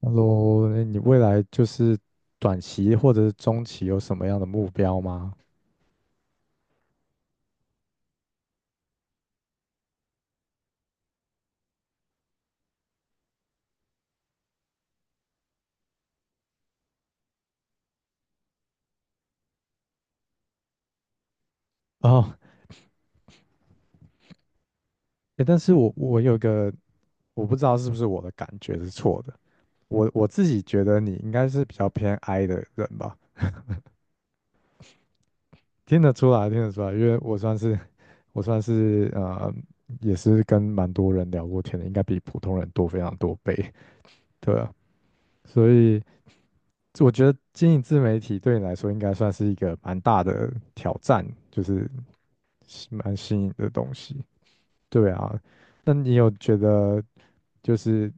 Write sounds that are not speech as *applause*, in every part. h e l 你未来就是短期或者是中期有什么样的目标吗？哦，哎，但是我有一个，我不知道是不是我的感觉是错的，我自己觉得你应该是比较偏 I 的人吧，听得出来，听得出来，因为我算是也是跟蛮多人聊过天的，应该比普通人多非常多倍，对啊，所以我觉得经营自媒体对你来说应该算是一个蛮大的挑战，就是是蛮新颖的东西。对啊，那你有觉得就是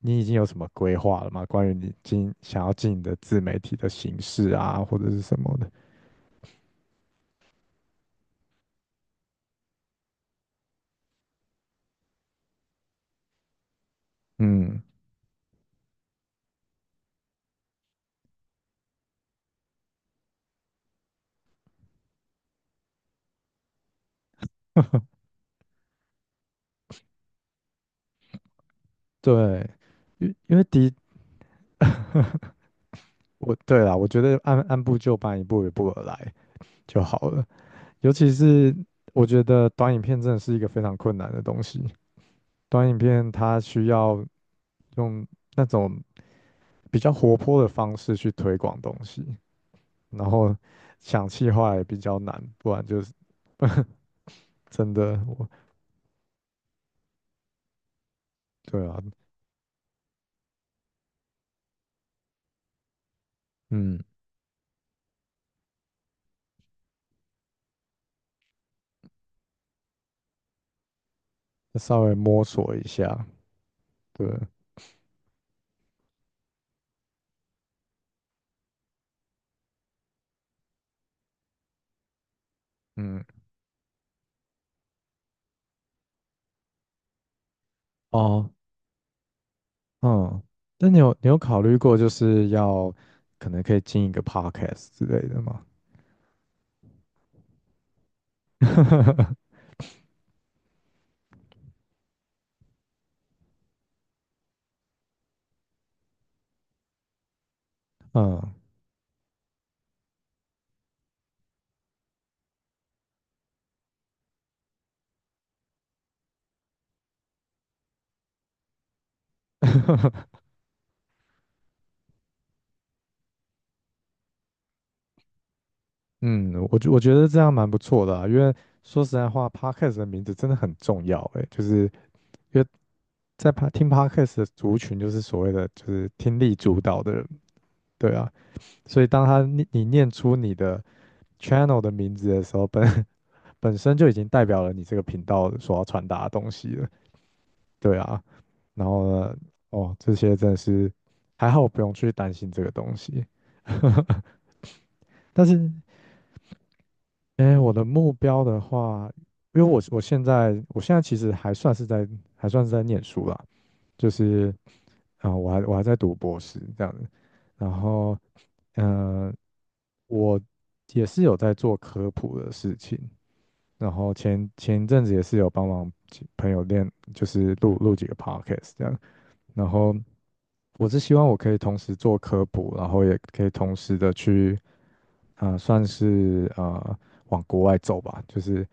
你已经有什么规划了吗？关于你经想要进你的自媒体的形式啊，或者是什么的？嗯，*laughs* 对，因为第一，我对啦，我觉得按部就班，一步一步而来就好了。尤其是我觉得短影片真的是一个非常困难的东西，短影片它需要用那种比较活泼的方式去推广东西，然后想气话也比较难，不然就是 *laughs* 真的我对啊，嗯，稍微摸索一下，对，嗯，哦，嗯，那你有考虑过就是要可能可以进一个 podcast 之类的吗？*laughs* 嗯嗯，我觉得这样蛮不错的啊，因为说实在话，podcast 的名字真的很重要诶，就是因为在 听 podcast 的族群就是所谓的就是听力主导的人，对啊，所以当他你念出你的 channel 的名字的时候，*laughs* 本身就已经代表了你这个频道所要传达的东西了。对啊，然后呢，哦，这些真的是还好，我不用去担心这个东西。*laughs* 但是，哎，我的目标的话，因为我现在其实还算是在念书啦，就是我还我还在读博士这样子，然后嗯、呃我也是有在做科普的事情，然后前一阵子也是有帮忙几朋友练，就是录几个 podcast 这样，然后我是希望我可以同时做科普，然后也可以同时的去算是往国外走吧，就是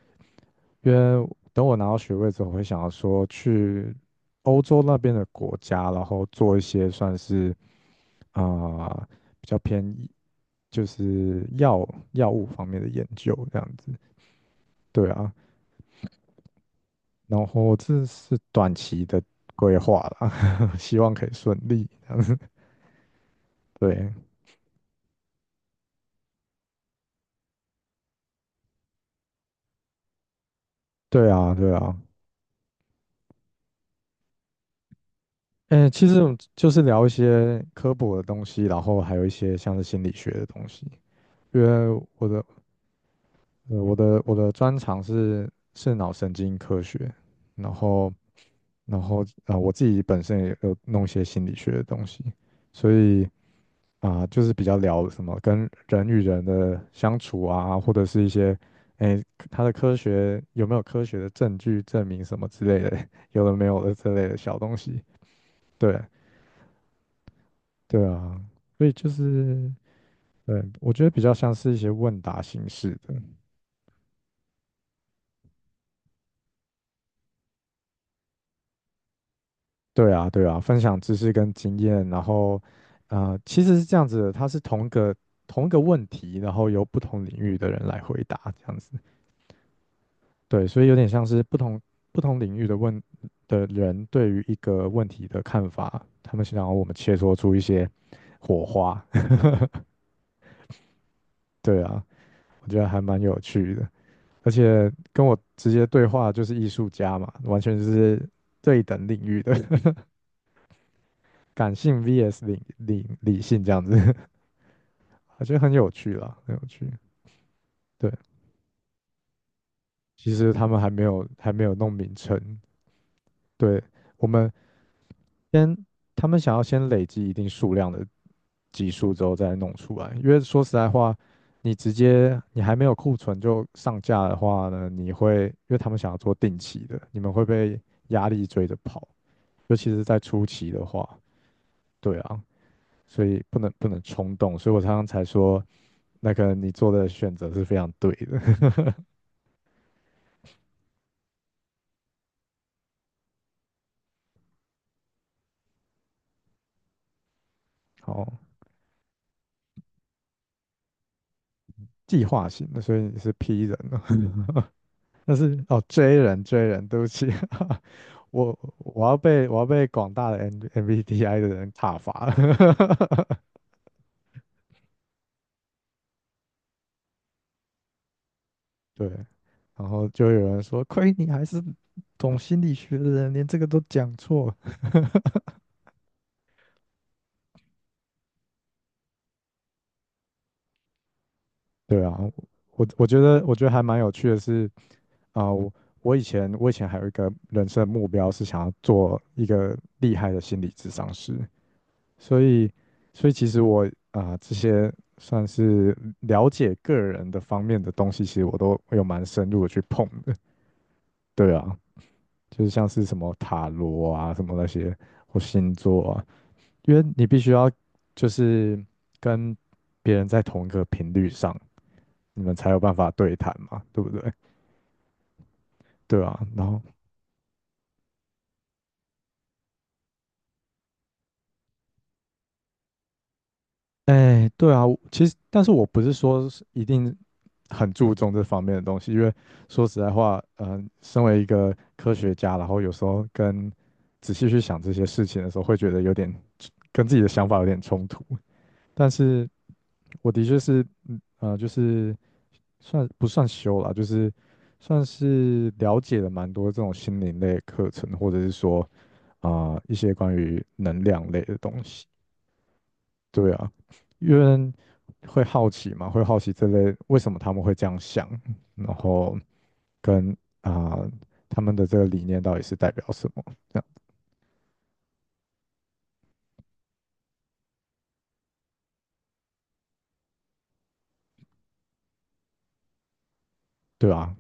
因为等我拿到学位之后，我会想要说去欧洲那边的国家，然后做一些算是啊、呃比较偏医就是药物方面的研究这样子。对啊，然后这是短期的规划啦，*laughs* 希望可以顺利。对，对啊，对啊。嗯，其实就是聊一些科普的东西，然后还有一些像是心理学的东西。因为我的我的专长是脑神经科学，然后啊，我自己本身也有弄一些心理学的东西，所以就是比较聊什么跟人与人的相处啊，或者是一些哎它的科学有没有科学的证据证明什么之类的，*laughs* 有的没有的之类的小东西。对对啊，所以就是对，我觉得比较像是一些问答形式的。对啊，对啊，分享知识跟经验，然后，其实是这样子的，它是同一个问题，然后由不同领域的人来回答，这样子。对，所以有点像是不同领域的问的人对于一个问题的看法，他们想要我们切磋出一些火花。*laughs* 对啊，我觉得还蛮有趣的，而且跟我直接对话就是艺术家嘛，完全是对等领域的 *laughs* 感性 VS 理性这样子。我觉得很有趣啦，很有趣。对，其实他们还没有弄名称，对我们先，他们想要先累积一定数量的集数之后再弄出来，因为说实在话，你直接你还没有库存就上架的话呢，你会因为他们想要做定期的，你们会被压力追着跑，尤其是在初期的话，对啊，所以不能冲动，所以我常常才说，那个你做的选择是非常对的。*laughs* 好，计划型的，所以你是 P 人了。*laughs* 但是哦追人追人，对不起，*laughs* 我要被广大的 MBTI 的人挞伐了。*laughs* 对，然后就有人说，亏你还是懂心理学的人，连这个都讲错。对啊，我觉得还蛮有趣的是啊、呃我我以前还有一个人生目标是想要做一个厉害的心理咨商师，所以，所以其实我这些算是了解个人的方面的东西，其实我都有蛮深入的去碰的。对啊，就是像是什么塔罗啊，什么那些或星座啊，因为你必须要就是跟别人在同一个频率上，你们才有办法对谈嘛，对不对？对啊，然后哎，对啊，我其实，但是我不是说是一定很注重这方面的东西，因为说实在话，身为一个科学家，然后有时候跟仔细去想这些事情的时候，会觉得有点跟自己的想法有点冲突。但是我的确是，就是算不算修啦，就是算是了解了蛮多这种心灵类的课程，或者是说一些关于能量类的东西。对啊，因为会好奇嘛，会好奇这类为什么他们会这样想，然后跟他们的这个理念到底是代表什么，这样对啊，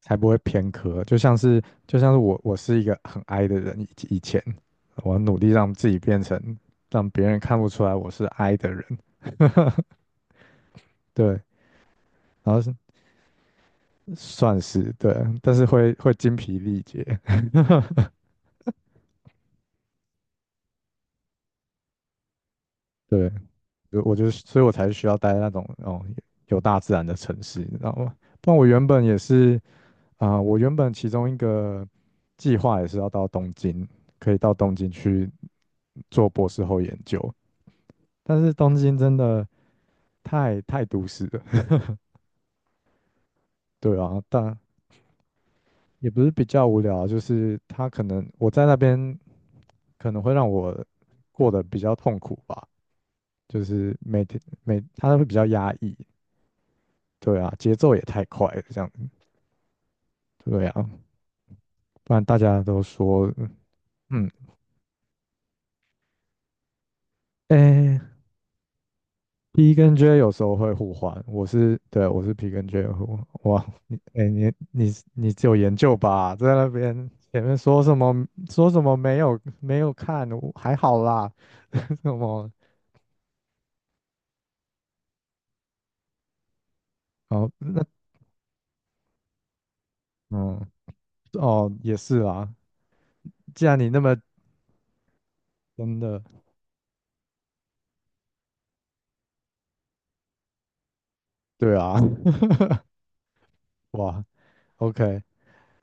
才不会偏科。就像是我是一个很 I 的人，以前我努力让自己变成让别人看不出来我是 I 的人，*laughs* 对，然后是算是对，但是会精疲力竭，对。就我就是，所以我才需要待在那种哦有大自然的城市，你知道吗？不然我原本也是我原本其中一个计划也是要到东京，可以到东京去做博士后研究，但是东京真的太都市了，*laughs* 对啊，但也不是比较无聊啊就是它可能我在那边可能会让我过得比较痛苦吧，就是每天它会比较压抑，对啊，节奏也太快了，这样对啊，不然大家都说，嗯，哎，P 跟 J 有时候会互换，我是，对，我是 P 跟 J 互换。哇，你，哎，你只有研究吧，在那边前面说什么没有看，我还好啦，*laughs* 什么，哦，那，嗯，哦，也是啊，既然你那么真的，对啊，*laughs* 哇，OK,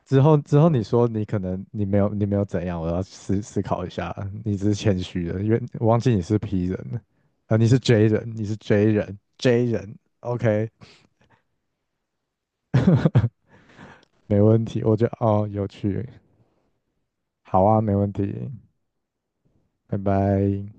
之后你说你可能你没有怎样，我要思考一下。你只是谦虚的，因为我忘记你是 P 人了，你是 J 人，你是 J 人，J 人，OK,没问题。我觉得哦有趣，好啊，没问题，拜拜。